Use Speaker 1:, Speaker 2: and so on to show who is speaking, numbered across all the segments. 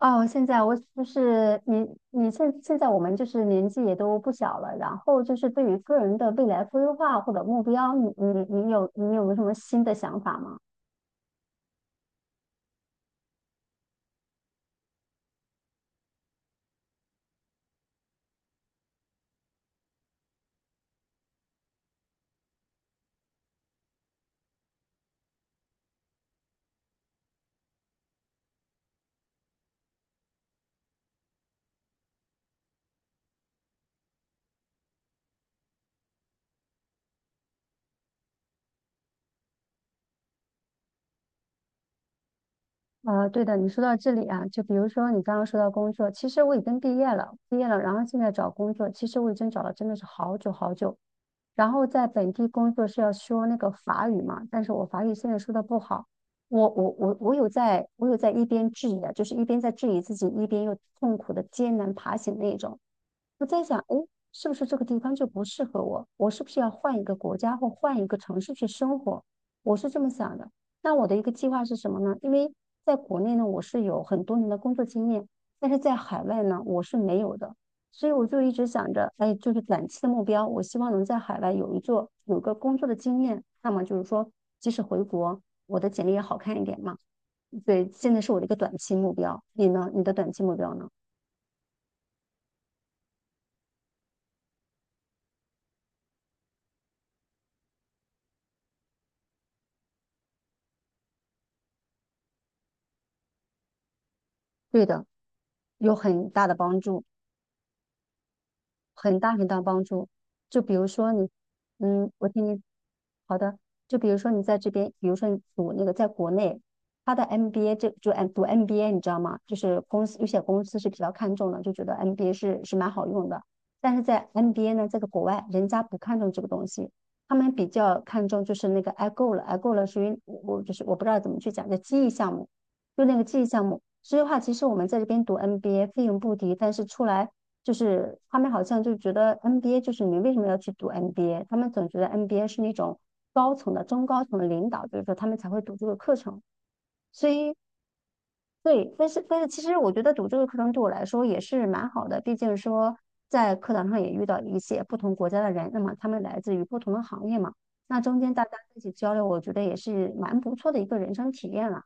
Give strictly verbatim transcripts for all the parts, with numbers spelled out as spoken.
Speaker 1: 哦，现在我就是你，你现现在我们就是年纪也都不小了，然后就是对于个人的未来规划或者目标，你你你有你有没有什么新的想法吗？啊，对的，你说到这里啊，就比如说你刚刚说到工作，其实我已经毕业了，毕业了，然后现在找工作，其实我已经找了真的是好久好久。然后在本地工作是要说那个法语嘛，但是我法语现在说的不好，我我我我有在，我有在一边质疑啊，就是一边在质疑自己，一边又痛苦的艰难爬行那种。我在想，诶，是不是这个地方就不适合我？我是不是要换一个国家或换一个城市去生活？我是这么想的。那我的一个计划是什么呢？因为在国内呢，我是有很多年的工作经验，但是在海外呢，我是没有的。所以我就一直想着，哎，就是短期的目标，我希望能在海外有一座有个工作的经验。那么就是说，即使回国，我的简历也好看一点嘛。对，现在是我的一个短期目标。你呢？你的短期目标呢？对的，有很大的帮助。很大很大帮助。就比如说你，嗯，我听你，好的。就比如说你在这边，比如说你读那个在国内，他的 M B A 这就 M 读 M B A，你知道吗？就是公司有些公司是比较看重的，就觉得 M B A 是是蛮好用的。但是在 M B A 呢，在个国外，人家不看重这个东西，他们比较看重就是那个 i g o 了 i g o 了属于我我就是我不知道怎么去讲，叫记忆项目，就那个记忆项目。所以的话，其实我们在这边读 M B A 费用不低，但是出来。就是他们好像就觉得 NBA 就是你为什么要去读 N B A？他们总觉得 N B A 是那种高层的、中高层的领导，就是说他们才会读这个课程。所以，对，但是但是其实我觉得读这个课程对我来说也是蛮好的，毕竟说在课堂上也遇到一些不同国家的人，那么他们来自于不同的行业嘛，那中间大家一起交流，我觉得也是蛮不错的一个人生体验了。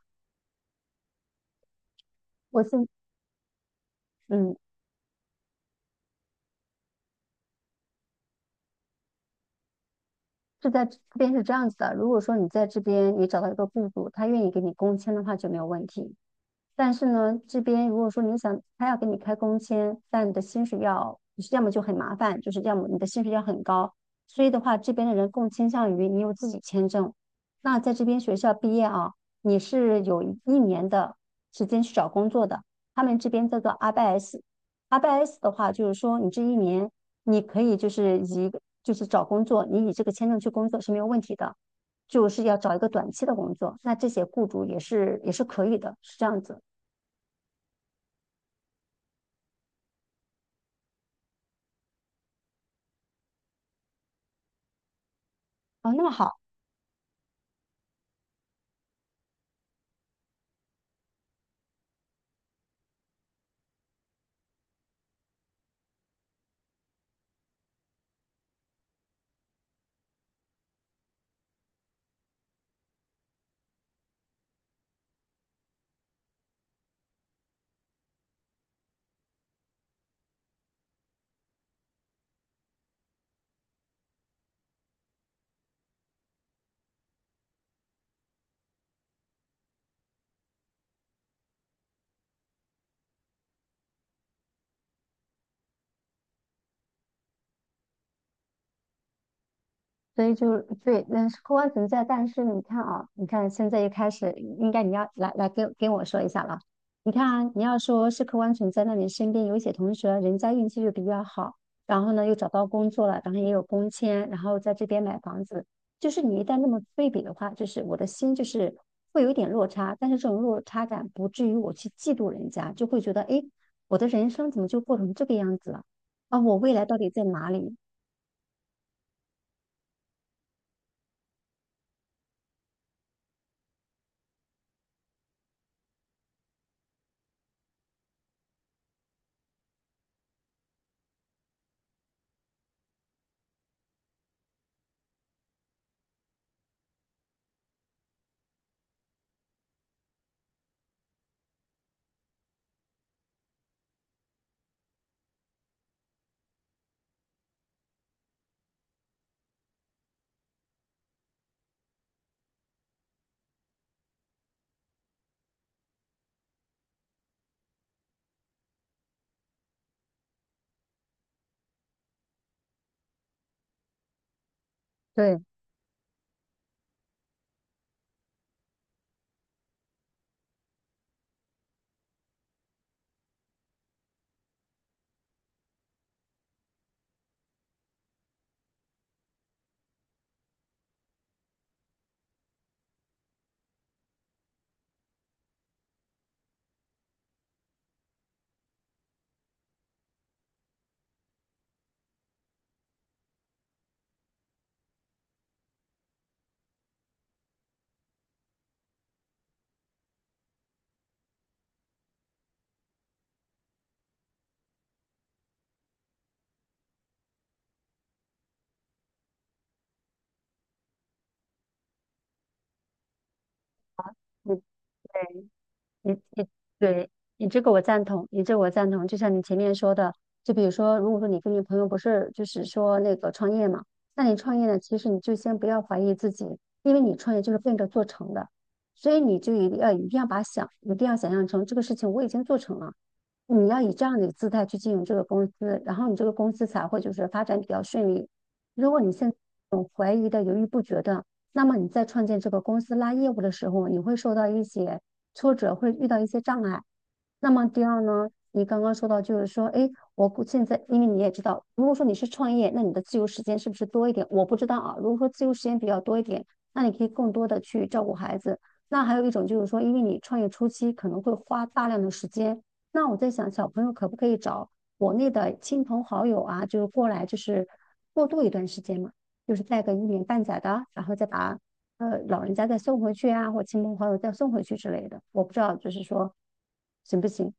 Speaker 1: 我是，嗯，是在这边是这样子的，如果说你在这边你找到一个雇主，他愿意给你工签的话就没有问题。但是呢，这边如果说你想他要给你开工签，但你的薪水要，就是要么就很麻烦，就是要么你的薪水要很高。所以的话，这边的人更倾向于你有自己签证。那在这边学校毕业啊，你是有一年的时间去找工作的。他们这边叫做 R B S。R B S 的话，就是说你这一年你可以就是以就是找工作，你以这个签证去工作是没有问题的，就是要找一个短期的工作。那这些雇主也是也是可以的，是这样子。哦，那么好，所以就对，那是客观存在。但是你看啊，你看现在一开始，应该你要来来跟跟我说一下了。你看啊，你要说是客观存在，那你身边有一些同学，人家运气就比较好，然后呢又找到工作了，然后也有工签，然后在这边买房子，就是你一旦那么对比的话，就是我的心就是会有一点落差，但是这种落差感不至于我去嫉妒人家，就会觉得诶，我的人生怎么就过成这个样子了？啊，我未来到底在哪里？对。你你对你这个我赞同，你这个我赞同。就像你前面说的，就比如说，如果说你跟你朋友不是就是说那个创业嘛，那你创业呢，其实你就先不要怀疑自己，因为你创业就是奔着做成的，所以你就一定要一定要把想一定要想象成这个事情我已经做成了，你要以这样的一个姿态去经营这个公司，然后你这个公司才会就是发展比较顺利。如果你现在有怀疑的、犹豫不决的，那么你在创建这个公司拉业务的时候，你会受到一些挫折，会遇到一些障碍。那么第二呢，你刚刚说到就是说，哎，我不现在，因为你也知道，如果说你是创业，那你的自由时间是不是多一点？我不知道啊。如果说自由时间比较多一点，那你可以更多的去照顾孩子。那还有一种就是说，因为你创业初期可能会花大量的时间。那我在想，小朋友可不可以找国内的亲朋好友啊，就是过来，就是过渡一段时间嘛，就是带个一年半载的，然后再把呃老人家再送回去啊，或亲朋好友再送回去之类的。我不知道，就是说行不行？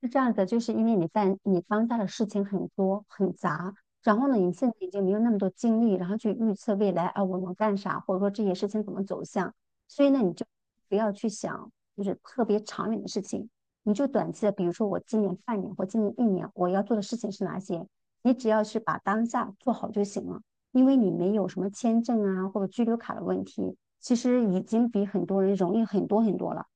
Speaker 1: 是这样的，就是因为你在你当下的事情很多很杂，然后呢，你现在已经没有那么多精力，然后去预测未来啊，我能干啥，或者说这些事情怎么走向，所以呢，你就不要去想就是特别长远的事情，你就短期的，比如说我今年半年或今年一年我要做的事情是哪些，你只要是把当下做好就行了，因为你没有什么签证啊或者居留卡的问题，其实已经比很多人容易很多很多了。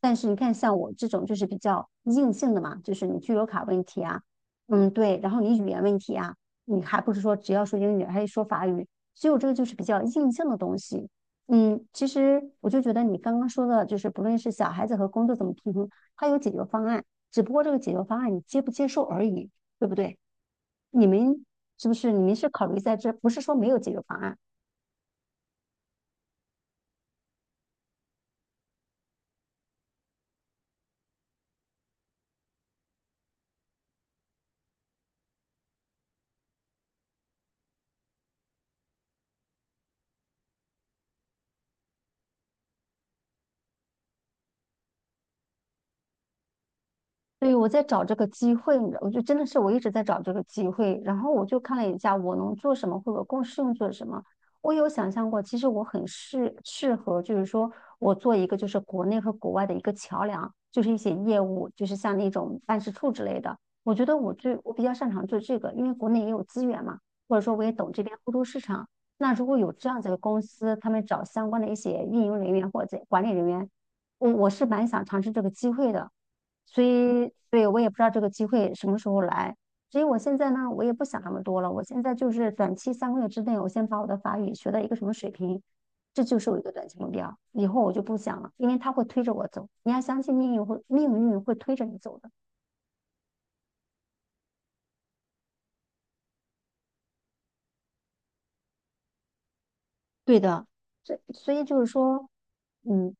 Speaker 1: 但是你看，像我这种就是比较硬性的嘛，就是你居留卡问题啊，嗯，对，然后你语言问题啊，你还不是说只要说英语，还得说法语，所以我这个就是比较硬性的东西。嗯，其实我就觉得你刚刚说的，就是不论是小孩子和工作怎么平衡，它有解决方案，只不过这个解决方案你接不接受而已，对不对？你们是不是你们是考虑在这，不是说没有解决方案，对，我在找这个机会，你知道，我就真的是我一直在找这个机会。然后我就看了一下我能做什么，或者更适用做什么。我有想象过，其实我很适适合，就是说我做一个就是国内和国外的一个桥梁，就是一些业务，就是像那种办事处之类的。我觉得我最我比较擅长做这个，因为国内也有资源嘛，或者说我也懂这边欧洲市场。那如果有这样子的公司，他们找相关的一些运营人员或者管理人员，我我是蛮想尝试这个机会的。所以，对，我也不知道这个机会什么时候来。所以我现在呢，我也不想那么多了。我现在就是短期三个月之内，我先把我的法语学到一个什么水平，这就是我一个短期目标。以后我就不想了，因为它会推着我走。你要相信命运会，命运会推着你走的。对的，所所以就是说，嗯，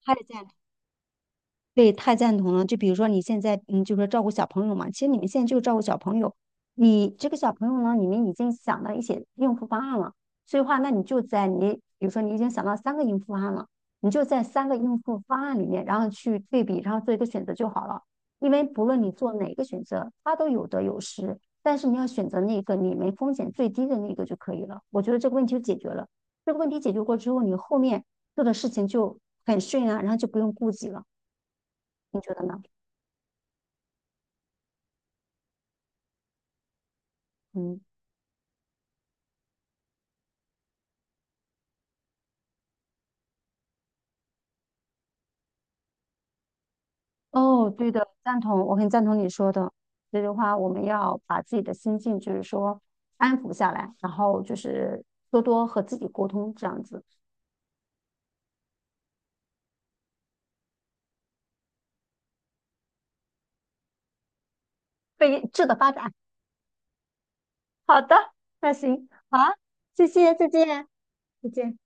Speaker 1: 还得在。对，太赞同了。就比如说你现在，嗯，就是说照顾小朋友嘛，其实你们现在就是照顾小朋友，你这个小朋友呢，你们已经想到一些应付方案了，所以话，那你就在你，比如说你已经想到三个应付方案了，你就在三个应付方案里面，然后去对比，然后做一个选择就好了。因为不论你做哪个选择，它都有得有失，但是你要选择那个你们风险最低的那个就可以了。我觉得这个问题就解决了。这个问题解决过之后，你后面做的事情就很顺啊，然后就不用顾及了。你觉得呢？嗯哦，对的，赞同，我很赞同你说的。所以的话，我们要把自己的心境，就是说安抚下来，然后就是多多和自己沟通，这样子，被质的发展。好的，那行，好啊谢谢，再见，再见。